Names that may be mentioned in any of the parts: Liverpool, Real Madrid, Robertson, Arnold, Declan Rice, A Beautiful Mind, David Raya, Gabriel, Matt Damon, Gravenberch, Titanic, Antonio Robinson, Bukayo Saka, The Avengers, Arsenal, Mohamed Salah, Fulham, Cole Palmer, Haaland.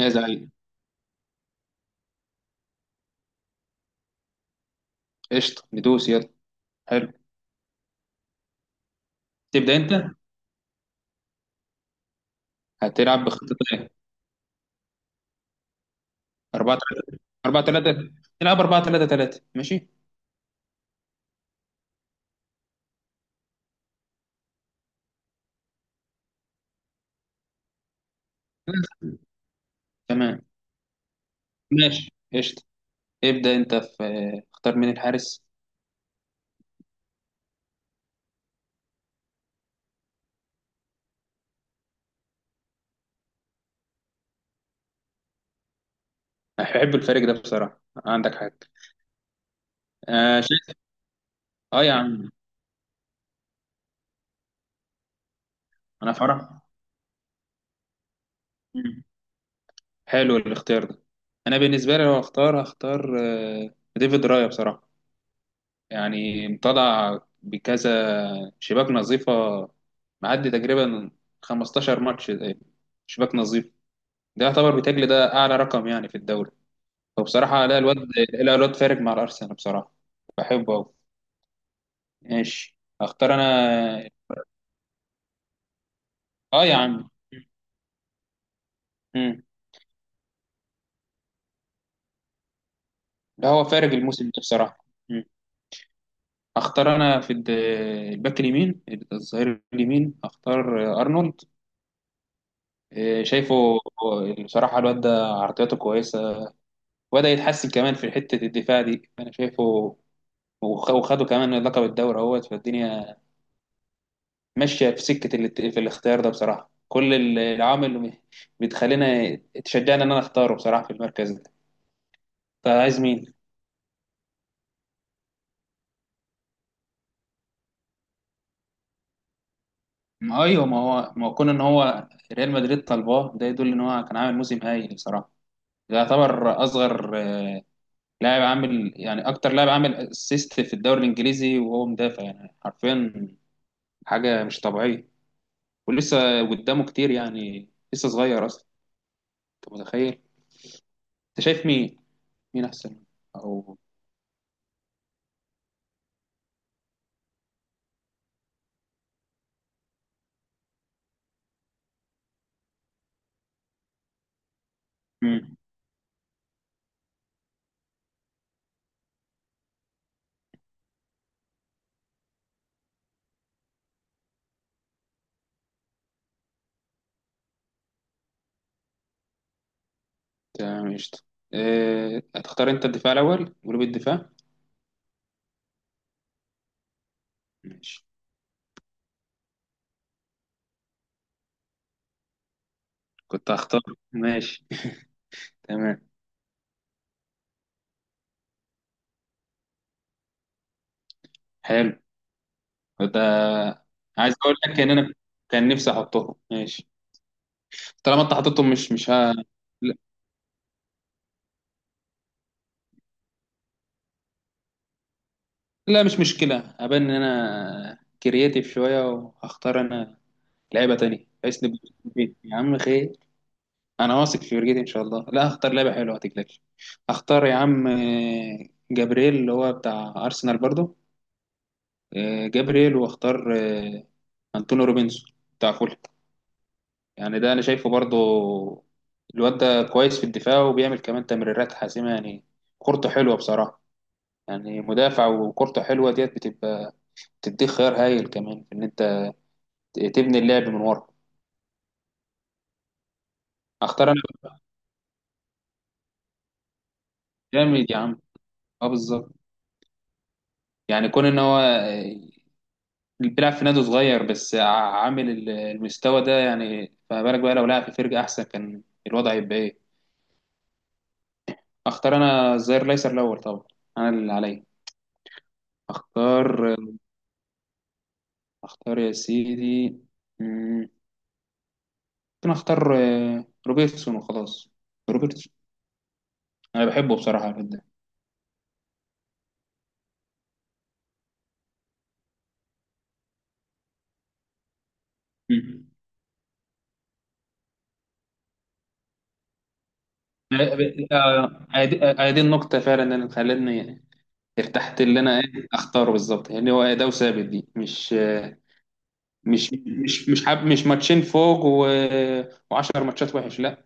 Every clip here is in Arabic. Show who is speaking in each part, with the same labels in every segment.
Speaker 1: يا زعيم، قشطة ندوس يلا. حلو. تبدأ أنت. هتلعب بخطة إيه؟ 4 3 4 3 تلعب 4 3 3 ماشي. تمام، ماشي قشطة. ابدأ أنت في، اختار مين الحارس. أحب الفريق ده بصراحة، عندك حق. آه شايف. أه يا عم. أنا فرح. مم. حلو الاختيار ده. أنا بالنسبة لي لو هختار آه، ديفيد رايا بصراحة، يعني مطلع بكذا شباك نظيفة، معدي تقريبا 15 ماتش شباك نظيف. ده يعتبر بتجلي ده أعلى رقم يعني في الدوري، فبصراحة لا الواد فارق مع الأرسنال بصراحة، بحبه أوي. ماشي، أختار أنا. آه يا عم. مم. ده هو فارق الموسم ده بصراحة. مم. أختار أنا في الباك اليمين، الظهير اليمين، أختار أرنولد. شايفه. بصراحة الواد ده عرضياته كويسة، وبدأ يتحسن كمان في حتة الدفاع دي أنا شايفه، وخدوا كمان لقب الدوري اهوت فالدنيا، ماشية في سكة في الاختيار ده بصراحة. كل العوامل اللي بتخلينا تشجعنا إن أنا أختاره بصراحة في المركز ده. طيب عايز مين؟ ما أيوه، ما هو كون إن هو ريال مدريد طلباه ده يدل إن هو كان عامل موسم هايل بصراحة. ده يعتبر أصغر لاعب عامل، يعني أكتر لاعب عامل أسيست في الدوري الإنجليزي وهو مدافع، يعني حرفيا حاجة مش طبيعية، ولسه قدامه كتير، يعني لسه صغير اصلا. انت متخيل؟ انت شايف مين؟ مين احسن؟ او امم تمام قشطة. هتختار انت الدفاع الاول، جروب الدفاع. ماشي، كنت هختار. ماشي تمام. حلو. ده عايز اقول لك ان انا كان نفسي احطهم ماشي. طالما انت حطيتهم، مش مش ها لا. مش مشكلة، هبان ان انا كرياتيف شوية وهختار انا لعيبة تانية بحيث نبقى. يا عم خير، انا واثق في فرجتي ان شاء الله، لا هختار لعبه حلوه ما تقلقش. هختار يا عم جابرييل، اللي هو بتاع ارسنال برضو. جابرييل، واختار انطونيو روبنسون بتاع فول. يعني ده انا شايفه برضو، الواد ده كويس في الدفاع وبيعمل كمان تمريرات حاسمه، يعني كورته حلوه بصراحه، يعني مدافع وكورته حلوه ديت بتبقى، بتديك خيار هايل كمان في ان انت تبني اللعب من ورا. اختار انا. جامد يا عم. اه بالظبط، يعني كون ان هو بيلعب في نادي صغير بس عامل المستوى ده، يعني فما بالك بقى لو لعب في فرقة أحسن، كان الوضع هيبقى إيه. أختار أنا الظهير الأيسر الأول طبعا، أنا اللي عليا. أختار، أختار يا سيدي. مم، ممكن أختار روبرتسون وخلاص. روبرتسون، أنا بحبه بصراحة جدا. مم. آه، آه، دي آه، آه، آه، دي النقطة فعلا اللي خلتني ارتحت، اللي أنا إيه أختاره بالظبط يعني، هو ده وثابت، دي مش ماتشين فوق و10 ماتشات وحش لا،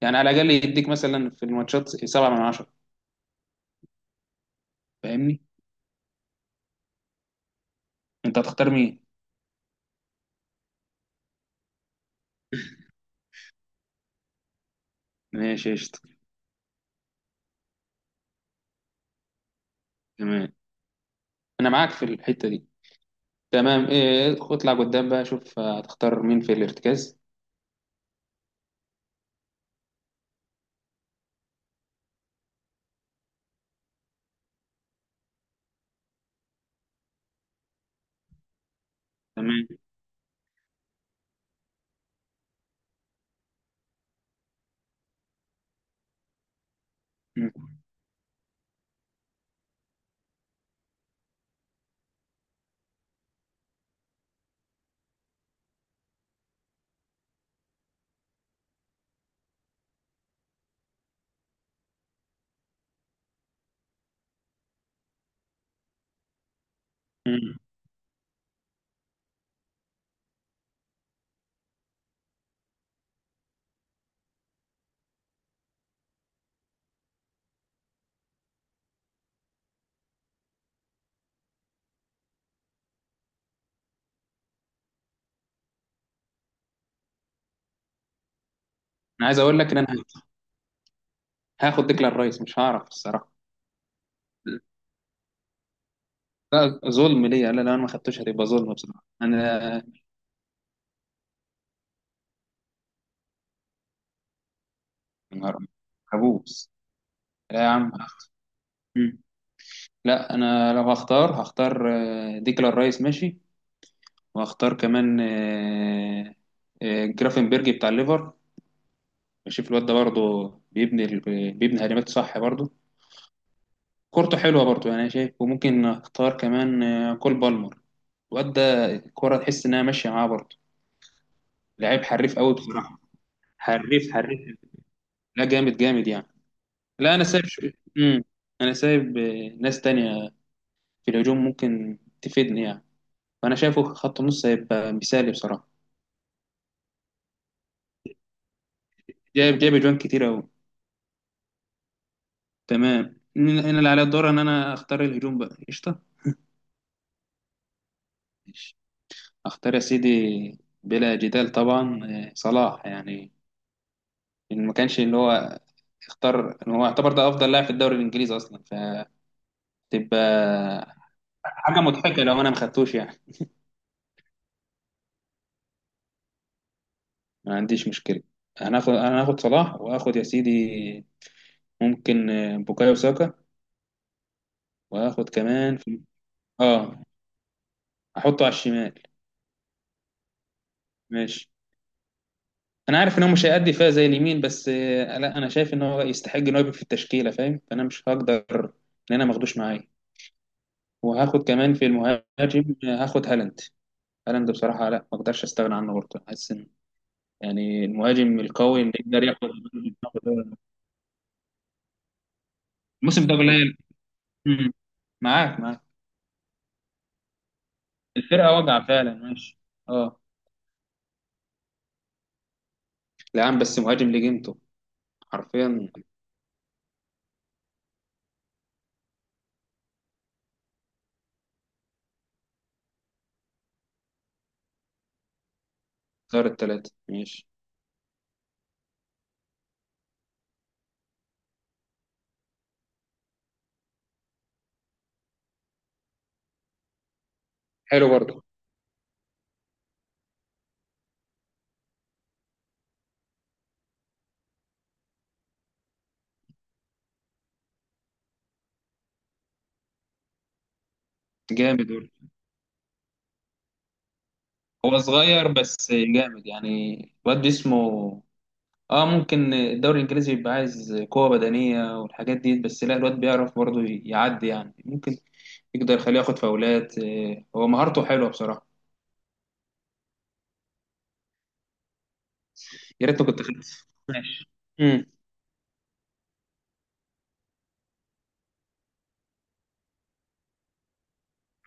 Speaker 1: يعني على الاقل يديك مثلا في الماتشات 7 من 10. فاهمني؟ انت هتختار مين؟ ماشي قشطة. تمام، انا معاك في الحتة دي. تمام، ايه، اطلع قدام بقى، شوف هتختار مين في الارتكاز. تمام. مم. مم. انا عايز اقول لك ان انا هاخد ديكلان رايس، مش هعرف الصراحة. لا ظلم ليا، لا لو انا ما خدتوش هتبقى ظلم بصراحة انا. يا نهار أبيض، كابوس. لا يا عم، لا انا لو هختار هختار ديكلان رايس ماشي. وهختار كمان جرافنبرج بتاع الليفر. بشوف الواد ده برضه، بيبني ال- بيبني هجمات صح برضه، كورته حلوه برضه يعني انا شايف. وممكن اختار كمان كول بالمر، الواد ده الكوره تحس انها ماشيه معاه برضه، لعيب حريف قوي بصراحه. حريف حريف، لا جامد جامد يعني. لا انا مم. انا سايب ناس تانية في الهجوم ممكن تفيدني يعني، فانا شايفه خط النص هيبقى مثالي بصراحه. جايب جايب اجوان كتير أوي. تمام، هنا هنا اللي عليا الدور إن أنا أختار الهجوم بقى، قشطة. ماشي. أختار يا سيدي، بلا جدال طبعا صلاح يعني، إن ما كانش اللي هو اختار، إن هو يعتبر ده أفضل لاعب في الدوري الإنجليزي أصلا، فتبقى حاجة مضحكة لو أنا ما خدتوش يعني. ما عنديش مشكلة. هناخد، أنا هاخد صلاح، وآخد يا سيدي ممكن بوكايو ساكا، وآخد كمان آه أحطه على الشمال. ماشي. انا عارف ان هو مش هيأدي فيها زي اليمين، بس لا انا شايف ان هو يستحق ان هو يبقى في التشكيله، فاهم، فانا مش هقدر ان انا ماخدوش معايا. وهاخد كمان في المهاجم هاخد هالاند. هالاند بصراحه لا ما اقدرش استغنى عنه برضه، حاسس ان يعني المهاجم القوي اللي يقدر ياخد. الموسم ده قليل. مم. معاك معاك. الفرقه واجعه فعلا ماشي. اه. لا يا عم، بس مهاجم لجيمته حرفيا. صار الثلاثه ماشي. حلو برضه. جامد. هو صغير بس جامد يعني، الواد اسمه. اه ممكن الدوري الانجليزي بيبقى عايز قوه بدنيه والحاجات دي، بس لا الواد بيعرف برضه يعدي يعني، ممكن يقدر يخليه ياخد فاولات. هو مهارته حلوه بصراحه. يا ريتني كنت خدت ماشي. امم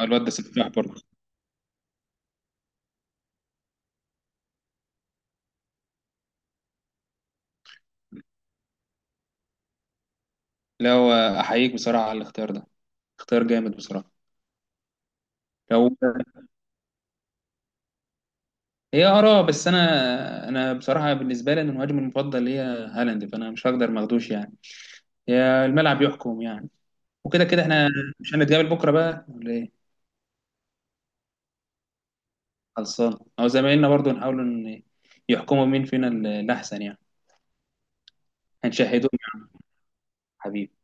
Speaker 1: الواد ده سفاح برضه. لا هو، احييك بصراحه على الاختيار ده، اختيار جامد بصراحه. لو، هي اراء بس، انا بصراحه بالنسبه لي أنا المهاجم المفضل هي هالاند، فانا مش هقدر ما اخدوش يعني، هي الملعب يحكم يعني، وكده كده احنا مش هنتقابل بكره بقى ولا ايه. خلصان، او زمايلنا برضو نحاول ان يحكموا مين فينا الاحسن يعني. هنشاهدهم حبيبي.